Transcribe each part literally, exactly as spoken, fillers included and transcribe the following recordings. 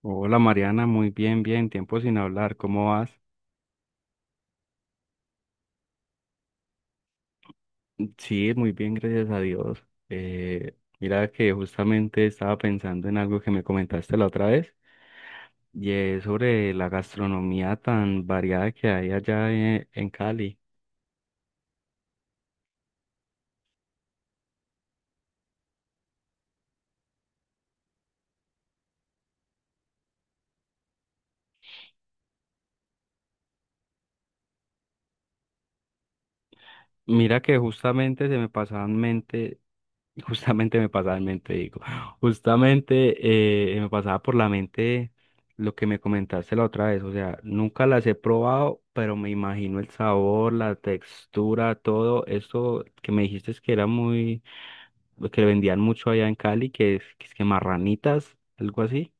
Hola Mariana, muy bien, bien, tiempo sin hablar, ¿cómo vas? Sí, muy bien, gracias a Dios. Eh, mira que justamente estaba pensando en algo que me comentaste la otra vez y es sobre la gastronomía tan variada que hay allá e- en Cali. Mira que justamente se me pasaba en mente Y Justamente me pasaba en mente, digo, justamente eh, me pasaba por la mente lo que me comentaste la otra vez, o sea, nunca las he probado, pero me imagino el sabor, la textura, todo eso que me dijiste es que era muy, que vendían mucho allá en Cali, que es que, es que marranitas, algo así.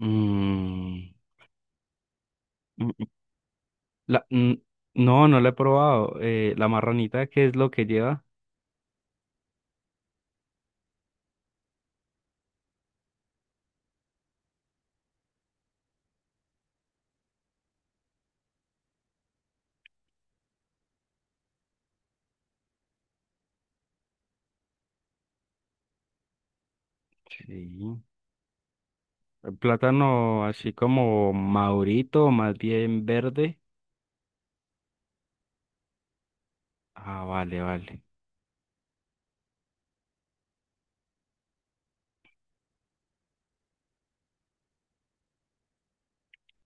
Mm, mm, mm, la- mm, no, no la he probado. Eh, la marranita, ¿qué es lo que lleva? Sí. El plátano así como madurito, más bien verde. Ah, vale, vale.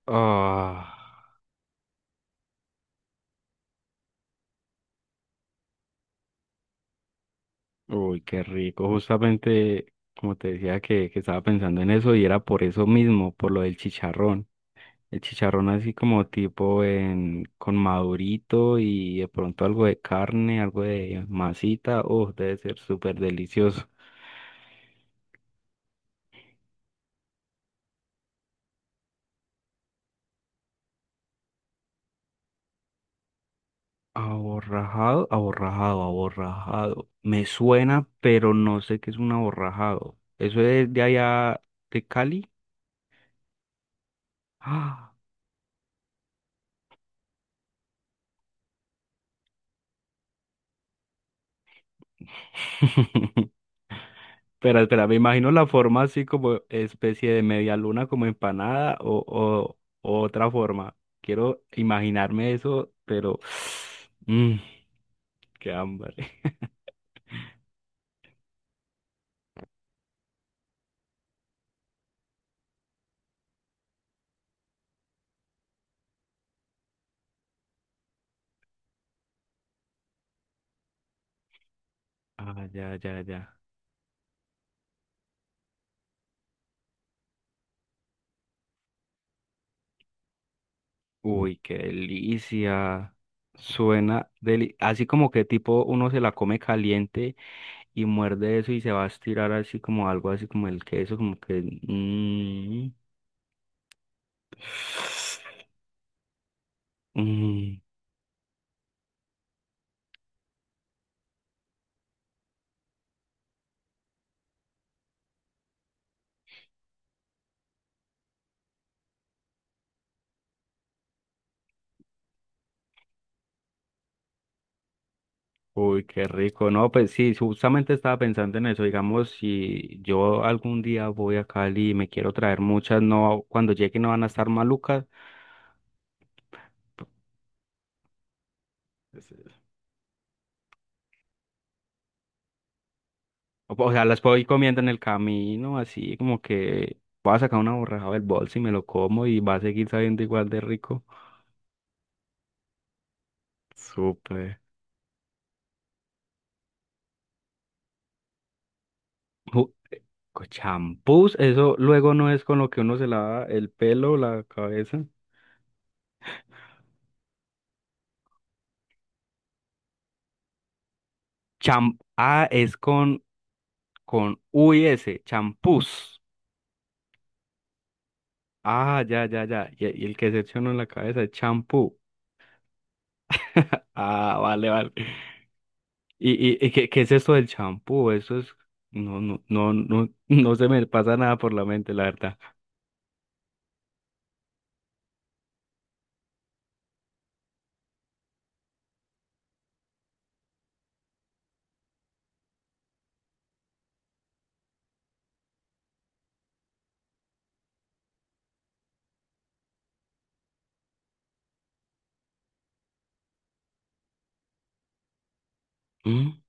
Ah, uy, qué rico. Justamente, como te decía, que, que estaba pensando en eso y era por eso mismo, por lo del chicharrón. El chicharrón así como tipo en, con madurito y de pronto algo de carne, algo de masita. Oh, debe ser súper delicioso. Aborrajado, aborrajado, aborrajado. Me suena, pero no sé qué es un aborrajado. ¿Eso es de allá de Cali? Ah. Espera, espera, me imagino la forma así como especie de media luna, como empanada o, o- o otra forma. Quiero imaginarme eso, pero. mm, Qué hambre. Ah, ya, ya, ya. Uy, qué delicia. Suena deli- así como que tipo uno se la come caliente y muerde eso y se va a estirar así como algo así como el queso, como que. mm, mm, Uy, qué rico. No, pues sí, justamente estaba pensando en eso. Digamos, si yo algún día voy a Cali y me quiero traer muchas, no, cuando llegue no van a estar malucas. Pues, eh, O, o sea, las puedo ir comiendo en el camino, así como que voy a sacar una borraja del bolso y me lo como y va a seguir sabiendo igual de rico. Súper. Con champús, eso luego no es con lo que uno se lava el pelo, la cabeza. Cham, ah, es con, con u s, champús. Ah, ya, ya, ya. Y, y el que se echa uno en la cabeza es champú. Ah, vale, vale. ¿Y, y, y qué, qué es esto del champú? Eso es, no, no, no, no, no se me pasa nada por la mente, la verdad. Mm,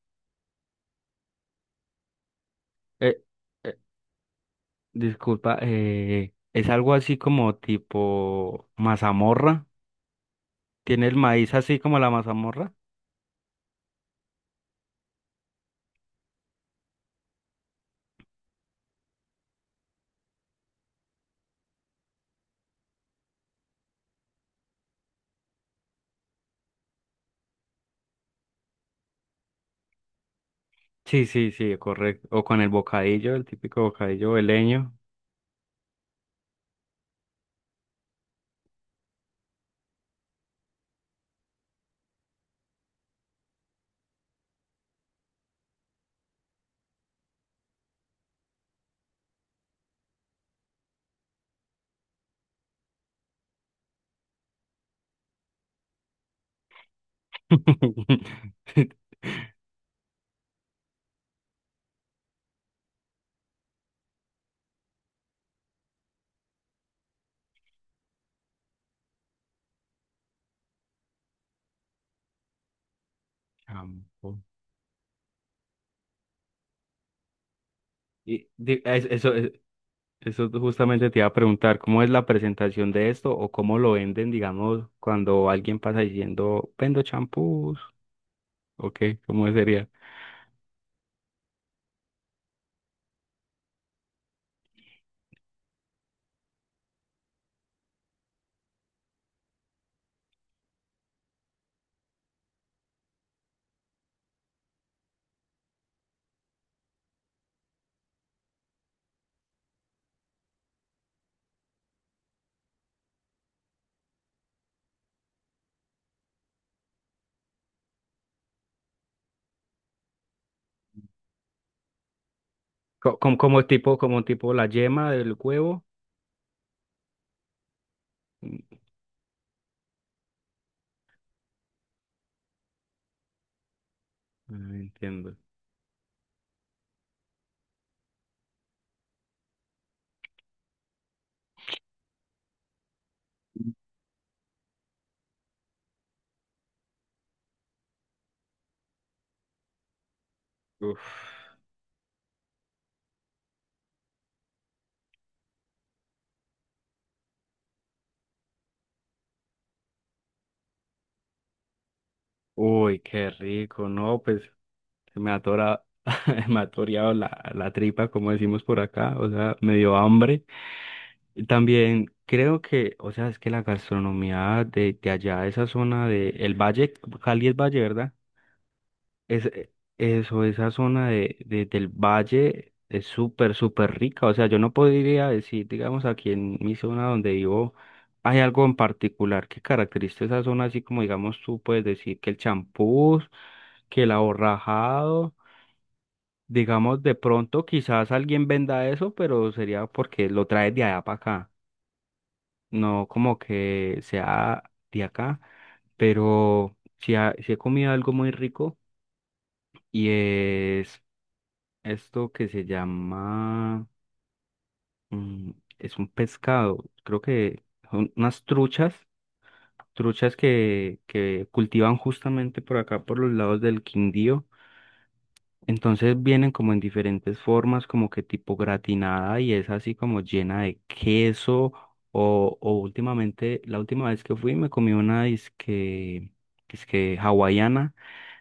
eh, eh, disculpa, eh, es algo así como tipo mazamorra. ¿Tiene el maíz así como la mazamorra? Sí, sí, sí, correcto. O con el bocadillo, el típico bocadillo veleño. Champo. Y di- es- eso, es- eso justamente te iba a preguntar, ¿cómo es la presentación de esto o cómo lo venden, digamos, cuando alguien pasa diciendo, vendo champús? ¿O qué? ¿Cómo sería? Co- Como, como tipo, como tipo la yema del huevo. Mm, No entiendo. Uf. Uy, qué rico, ¿no? Pues se me atora, me ha toreado la, la tripa, como decimos por acá, o sea, me dio hambre. También creo que, o sea, es que la gastronomía de, de allá, de esa zona de el Valle. Cali es Valle, ¿verdad? Es, eso, esa zona de, de- del Valle es súper, súper rica. O sea, yo no podría decir, digamos, aquí en mi zona donde vivo, hay algo en particular que caracteriza esa zona, así como, digamos, tú puedes decir que el champús, que el aborrajado. Digamos, de pronto quizás alguien venda eso, pero sería porque lo traes de allá para acá, no como que sea de acá, pero si he comido algo muy rico y es esto que se llama, mm, es un pescado, creo que son unas truchas, truchas que, que cultivan justamente por acá, por los lados del Quindío. Entonces vienen como en diferentes formas, como que tipo gratinada y es así como llena de queso. O, o últimamente, la última vez que fui me comí una disque, disque hawaiana.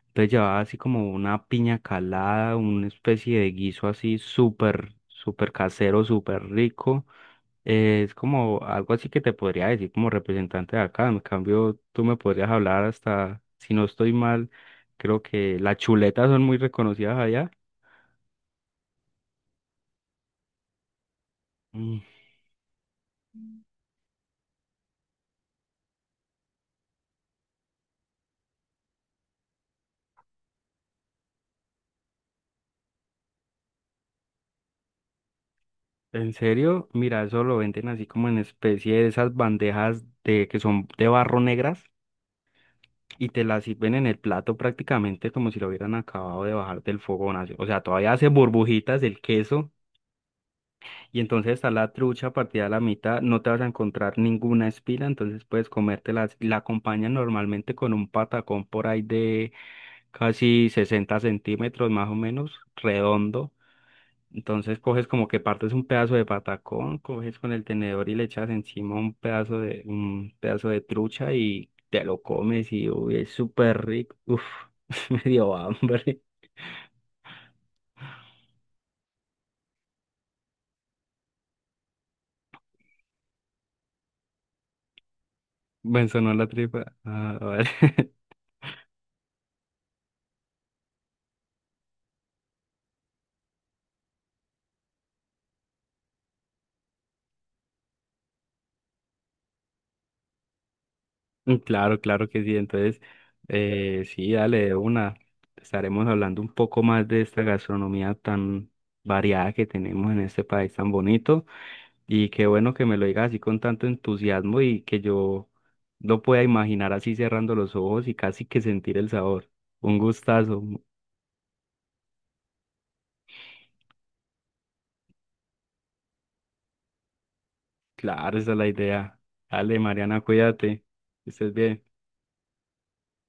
Entonces llevaba así como una piña calada, una especie de guiso así súper, súper casero, súper rico. Eh, es como algo así que te podría decir como representante de acá. En cambio, tú me podrías hablar hasta, si no estoy mal, creo que las chuletas son muy reconocidas allá. Mm, ¿En serio? Mira, eso lo venden así como en especie de esas bandejas de que son de barro negras y te las sirven en el plato prácticamente como si lo hubieran acabado de bajar del fogón, así. O sea, todavía hace burbujitas el queso y entonces está la trucha partida a la mitad, no te vas a encontrar ninguna espina, entonces puedes comértela así. La acompañan normalmente con un patacón por ahí de casi sesenta centímetros más o menos, redondo. Entonces coges como que partes un pedazo de patacón, coges con el tenedor y le echas encima un pedazo de, un pedazo de trucha y te lo comes y uy, es súper rico. Uf, me dio hambre. Me sonó la tripa. Ah, vale. Claro, claro que sí. Entonces, eh, sí, dale de una. Estaremos hablando un poco más de esta gastronomía tan variada que tenemos en este país tan bonito. Y qué bueno que me lo digas así con tanto entusiasmo y que yo lo pueda imaginar así cerrando los ojos y casi que sentir el sabor. Un gustazo. Claro, esa es la idea. Dale, Mariana, cuídate. Que estés bien.